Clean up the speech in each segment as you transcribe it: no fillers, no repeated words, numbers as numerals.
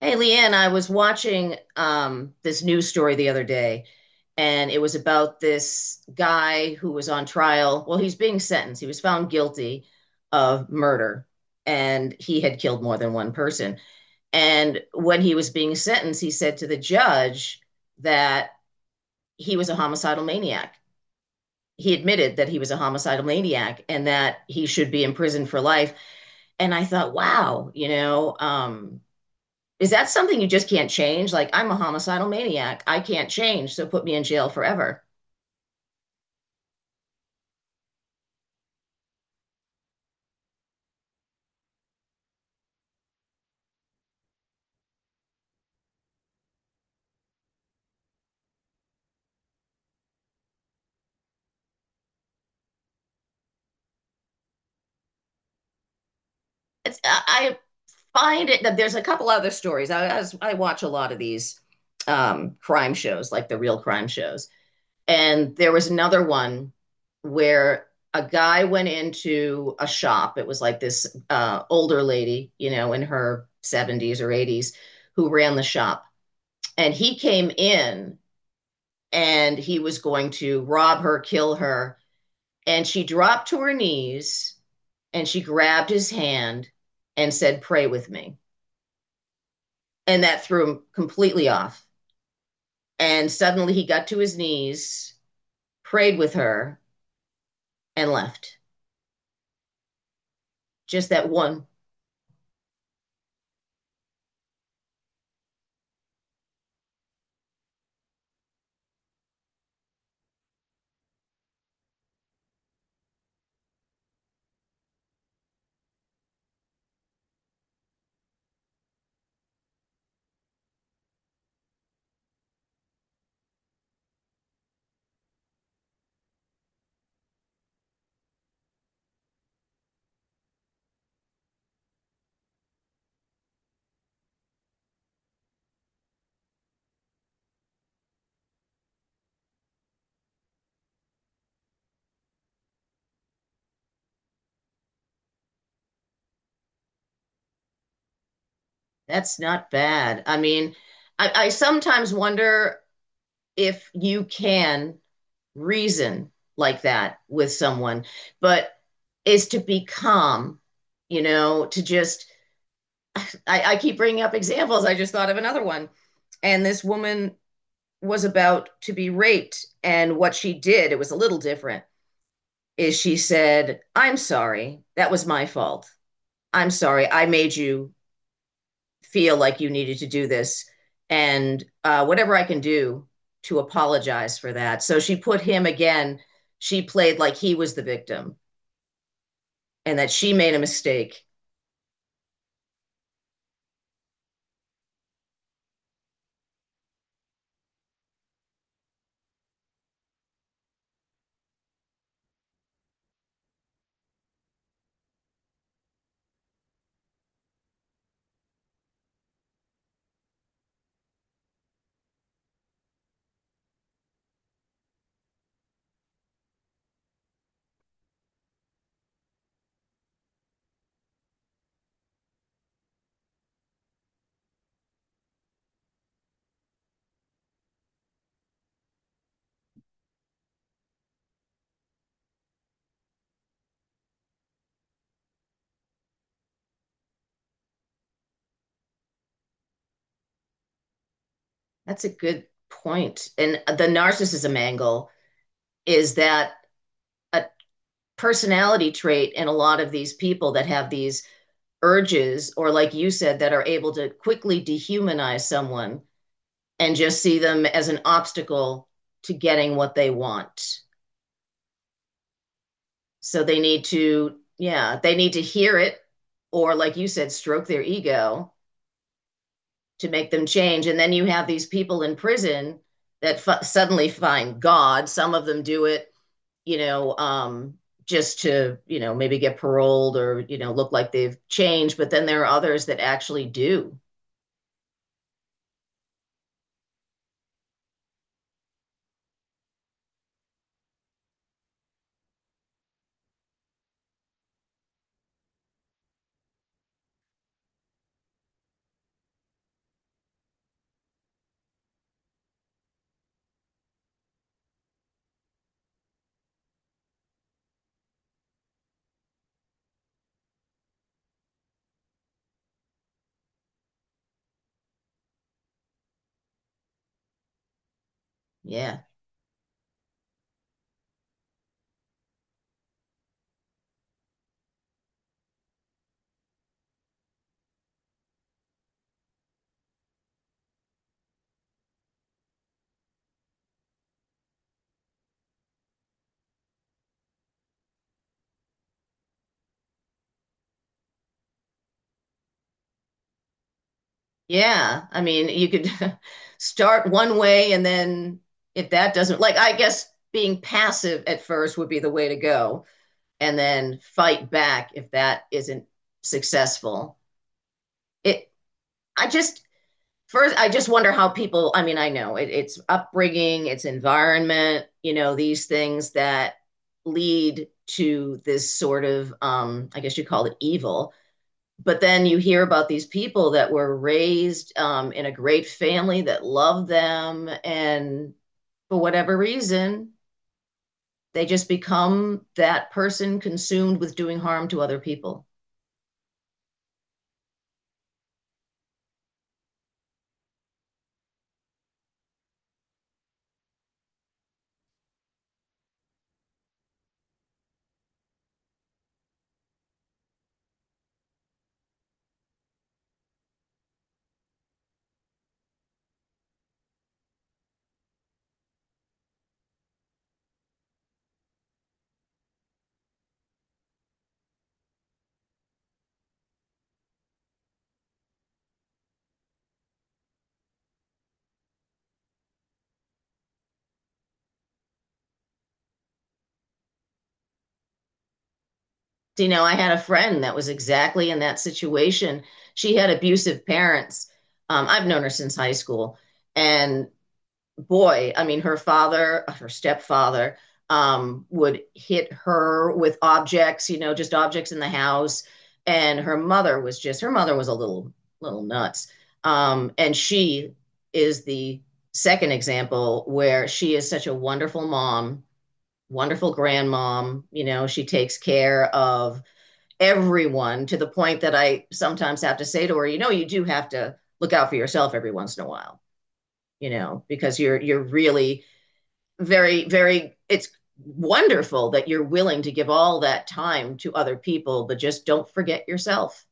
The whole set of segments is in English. Hey, Leanne, I was watching this news story the other day, and it was about this guy who was on trial. Well, he's being sentenced. He was found guilty of murder, and he had killed more than one person. And when he was being sentenced, he said to the judge that he was a homicidal maniac. He admitted that he was a homicidal maniac and that he should be in prison for life. And I thought, wow, is that something you just can't change? Like, I'm a homicidal maniac. I can't change, so put me in jail forever. I find it that there's a couple other stories. I watch a lot of these crime shows, like the real crime shows. And there was another one where a guy went into a shop. It was like this older lady, you know, in her 70s or 80s, who ran the shop. And he came in and he was going to rob her, kill her. And she dropped to her knees and she grabbed his hand and said, "Pray with me." And that threw him completely off. And suddenly he got to his knees, prayed with her, and left. Just that one. That's not bad. I mean, I sometimes wonder if you can reason like that with someone, but is to be calm, you know, to just I, I keep bringing up examples. I just thought of another one. And this woman was about to be raped. And what she did, it was a little different, is she said, "I'm sorry. That was my fault. I'm sorry. I made you feel like you needed to do this. And whatever I can do to apologize for that." So she put him again. She played like he was the victim and that she made a mistake. That's a good point. And the narcissism angle is that a personality trait in a lot of these people that have these urges, or like you said, that are able to quickly dehumanize someone and just see them as an obstacle to getting what they want. So they need to, yeah, they need to hear it, or like you said, stroke their ego to make them change. And then you have these people in prison that suddenly find God. Some of them do it you know, um, just to, maybe get paroled or, look like they've changed. But then there are others that actually do. Yeah. Yeah. I mean, you could start one way and then if that doesn't, like, I guess being passive at first would be the way to go and then fight back if that isn't successful. It, I just, First, I just wonder how people, I mean, it's upbringing, it's environment, you know, these things that lead to this sort of, I guess you call it evil. But then you hear about these people that were raised in a great family that loved them, and for whatever reason, they just become that person consumed with doing harm to other people. You know, I had a friend that was exactly in that situation. She had abusive parents. I've known her since high school. And boy, I mean, her stepfather, would hit her with objects, you know, just objects in the house. And her mother was a little nuts. And she is the second example where she is such a wonderful mom, wonderful grandmom. You know, she takes care of everyone to the point that I sometimes have to say to her, you know, you do have to look out for yourself every once in a while, you know, because you're really very very it's wonderful that you're willing to give all that time to other people, but just don't forget yourself.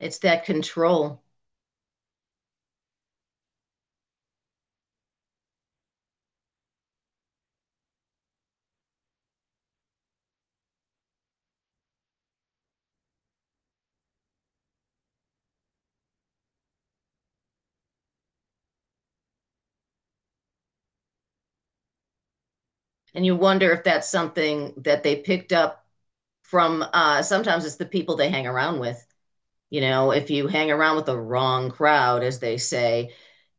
It's that control. And you wonder if that's something that they picked up from sometimes it's the people they hang around with. You know, if you hang around with the wrong crowd, as they say,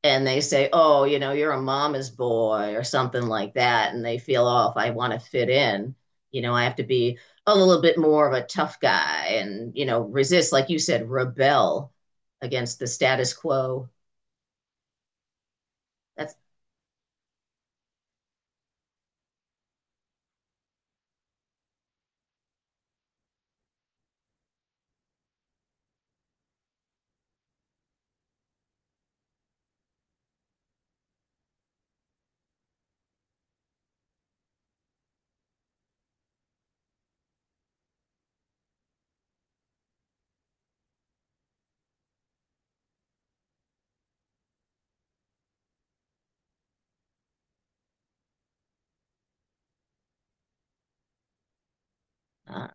and they say, oh, you know, you're a mama's boy or something like that, and they feel, oh, if I want to fit in, you know, I have to be a little bit more of a tough guy and, you know, resist, like you said, rebel against the status quo. That's uh,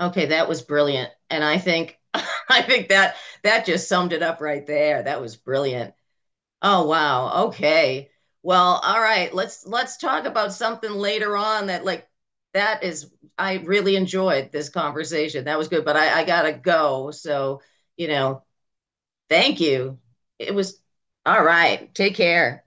okay. That was brilliant. And I think, I think that that just summed it up right there. That was brilliant. Oh wow. Okay. Well, all right. Let's talk about something later on that like that is I really enjoyed this conversation. That was good, but I gotta go. So, you know, thank you. It was all right. Take care.